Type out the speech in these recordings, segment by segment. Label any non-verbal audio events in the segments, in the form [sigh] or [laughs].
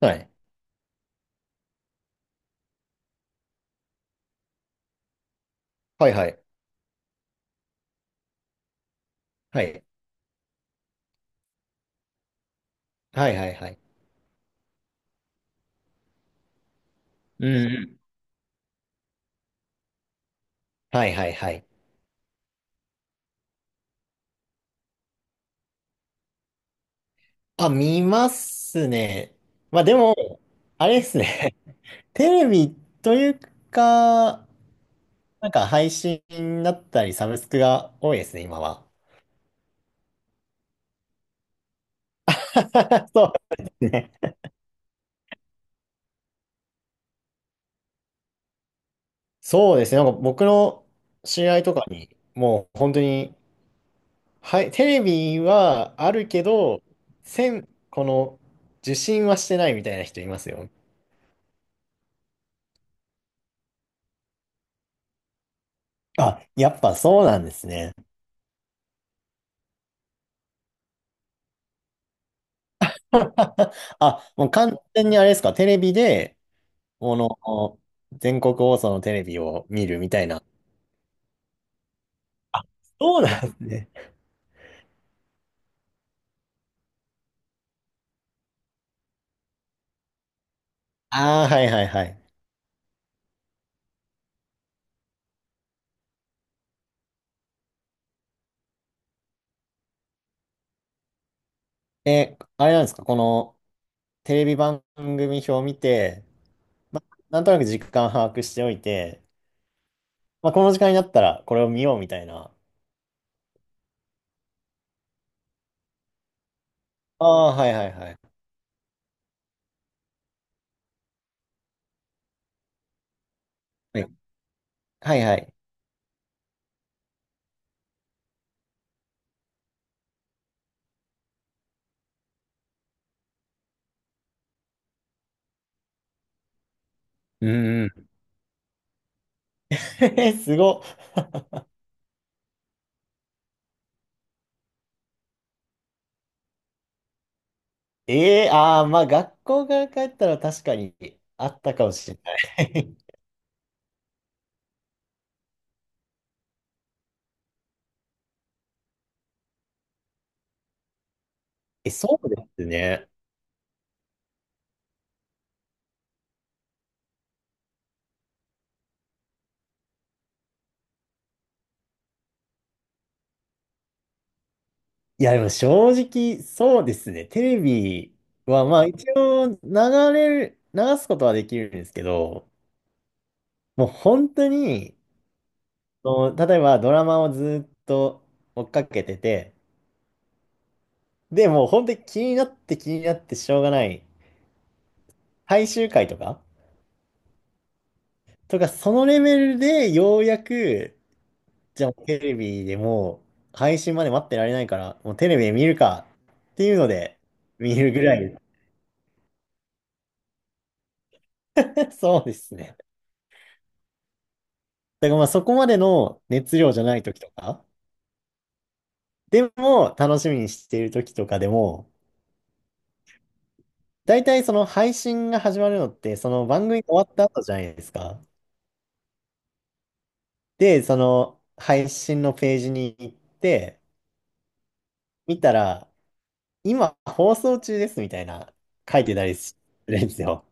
はい。はいはい。はい。はいはいはい。うんうん。はいはいはい。あ、見ますね。まあでも、あれですね。[laughs] テレビというか、なんか配信だったりサブスクが多いですね、今は。[laughs] そうですね。そうですね。なんか僕の知り合いとかに、もう本当に、はい、テレビはあるけど、この、受信はしてないみたいな人いますよ。あ、やっぱそうなんですね。[laughs] あ、もう完全にあれですか、テレビで、この、全国放送のテレビを見るみたいな。そうなんですね。ああ、はいはいはい。え、あれなんですか、このテレビ番組表を見て、ま、なんとなく時間把握しておいて、まあ、この時間になったらこれを見ようみたいな。ああ、はいはいはい。はいはいはい。うんうん。[laughs] えすごっ。ええああまあ学校から帰ったら確かにあったかもしれない。[laughs] え、そうですね。いや、でも正直、そうですね。テレビは、まあ一応流れる、流すことはできるんですけど、もう本当に、その例えばドラマをずっと追っかけてて、で、もう本当に気になって気になってしょうがない、最終回とか、そのレベルでようやく、じゃあテレビでもう配信まで待ってられないから、もうテレビで見るかっていうので、見るぐらい。[laughs] そうですね。だからまあそこまでの熱量じゃない時とか、でも楽しみにしている時とかでも、大体その配信が始まるのって、その番組が終わった後じゃないですか。で、その配信のページに行って、見たら、今放送中ですみたいな書いてたりするんですよ。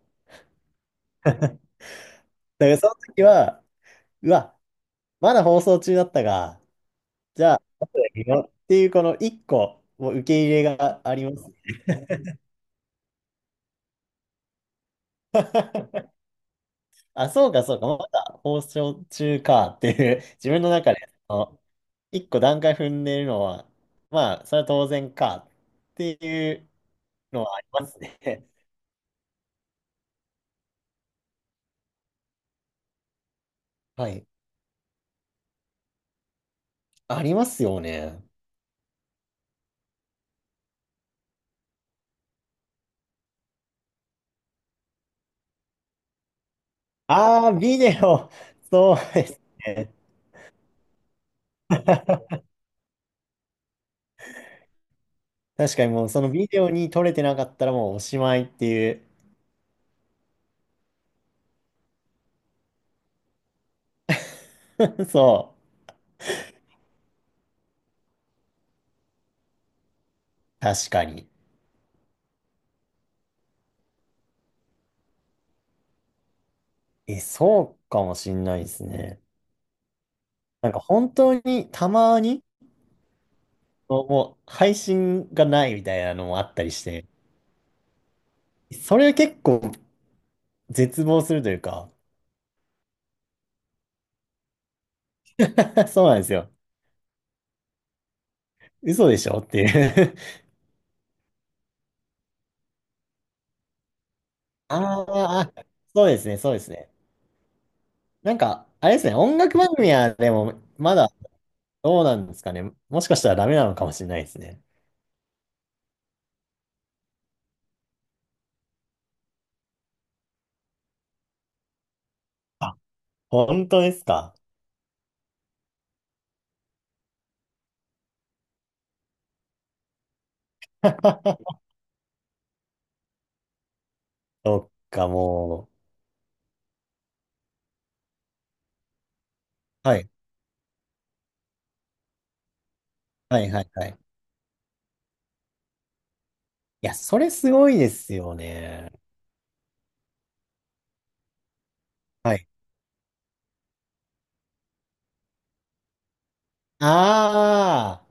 だからその時は、うわ、まだ放送中だったが、じゃあ、後で見ようっていうこの一個、もう受け入れがあります。あ、そうか、そうか。まだ放送中かっていう、[laughs] 自分の中で、その一個段階踏んでるのは、まあ、それは当然かっていうのはありますね。[laughs] はい。ありますよね。ああ、ビデオ。そうですね。確かにもう、そのビデオに撮れてなかったらもうおしまいっていう。[laughs] そう。確かに。え、そうかもしんないですね。なんか本当にたまに、もう配信がないみたいなのもあったりして、それは結構絶望するというか。 [laughs] そうなんですよ。嘘でしょっていう。 [laughs] あーあ、そうですね、そうですね。なんか、あれですね、音楽番組はでも、まだどうなんですかね。もしかしたらダメなのかもしれないですね。あ、本当ですか。[laughs] そっか、もう。はい、はい、はい、はい。いや、それすごいですよね。はい。あ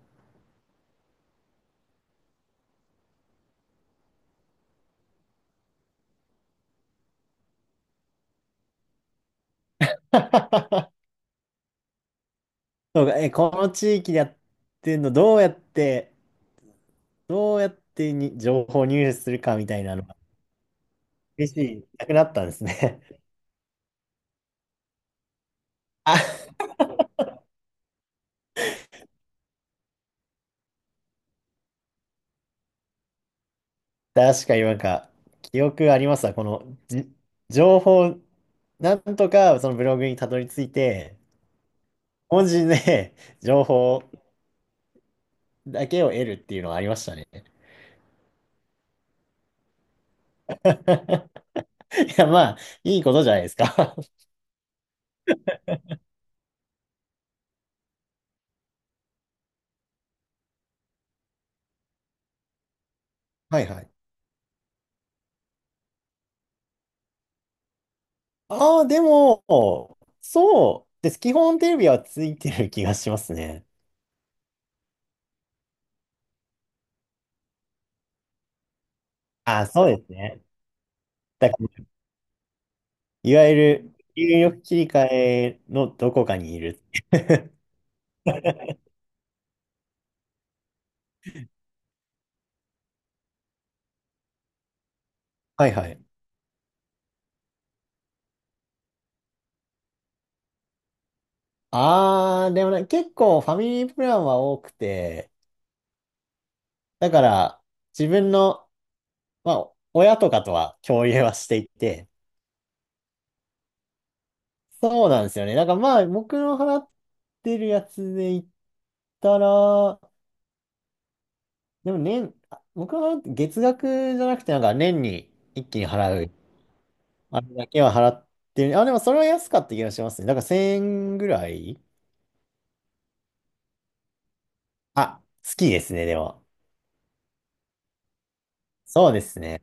あ。[laughs] そうか、え、この地域でやってんの、どうやってに情報入手するかみたいなのが、厳しい、なくなったんですね。[laughs] あ、確かになんか、記憶ありますわ。この、じ、情報、なんとかそのブログにたどり着いて、文字で情報だけを得るっていうのはありましたね。[laughs] いや、まあ、いいことじゃないですか。はいはい。ああ、でも、そうです。基本テレビはついてる気がしますね。ああ、そうですね。だいわゆる、入力切り替えのどこかにいる。[laughs] はいはい。あー、でもね、結構ファミリープランは多くて、だから自分の、まあ、親とかとは共有はしていて、そうなんですよね。だからまあ、僕の払ってるやつで言ったら、でも、あ僕の払って月額じゃなくて、なんか年に一気に払う、あれだけは払ってる。あ、でもそれは安かった気がしますね。だから1000円ぐらい。好きですね、でも。そうですね。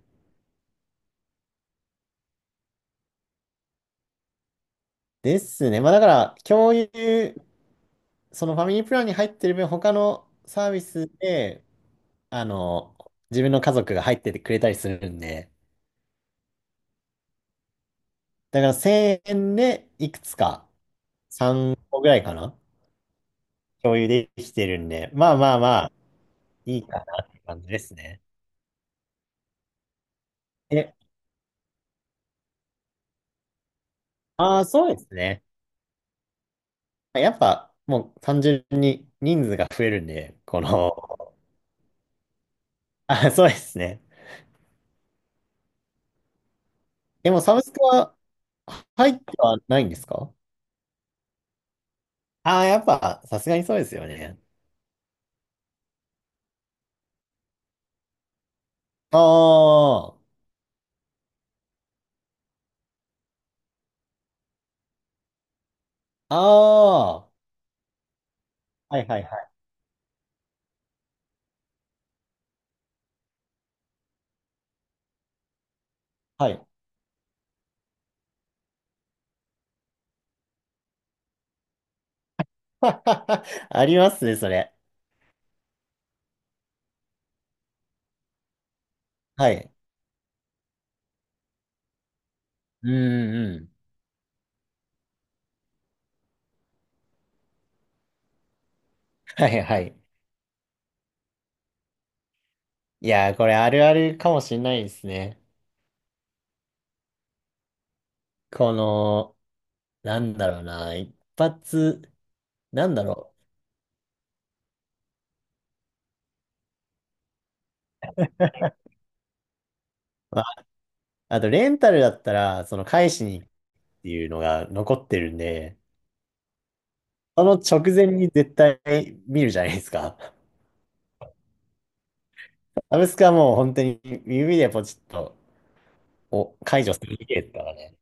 ですね。まあだから、共有、そのファミリープランに入ってる分、他のサービスで、あの、自分の家族が入っててくれたりするんで、だから1000円でいくつか、3個ぐらいかな、共有できてるんで、まあまあまあ、いいかなって感じですね。え、ああ、そうですね。やっぱ、もう単純に人数が増えるんで、この、あ、そうですね。でもサブスクは入ってはないんですか。ああ、やっぱ、さすがにそうですよね。ああ、ああ、はいはいはい。はい。[laughs] ありますね、それ。はい。うんうん。はいはい。いやー、これあるあるかもしんないですね。この、なんだろうな、一発、なんだろう。まあ、あと、レンタルだったら、その返しにっていうのが残ってるんで、その直前に絶対見るじゃないですか。[laughs] アブスカはもう本当に指でポチッとお、解除する系ですからね。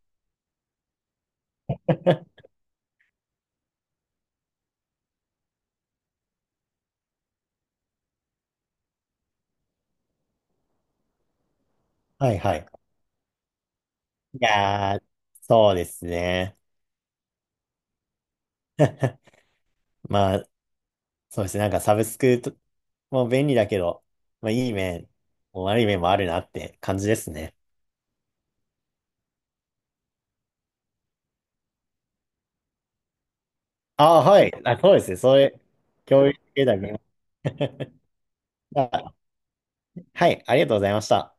はいはい。いやー、そうですね。[laughs] まあ、そうですね。なんかサブスクと、もう便利だけど、まあいい面、もう悪い面もあるなって感じですね。ああ、はい。あ、そうですね。それ、教育系だね。[laughs] あはい。ありがとうございました。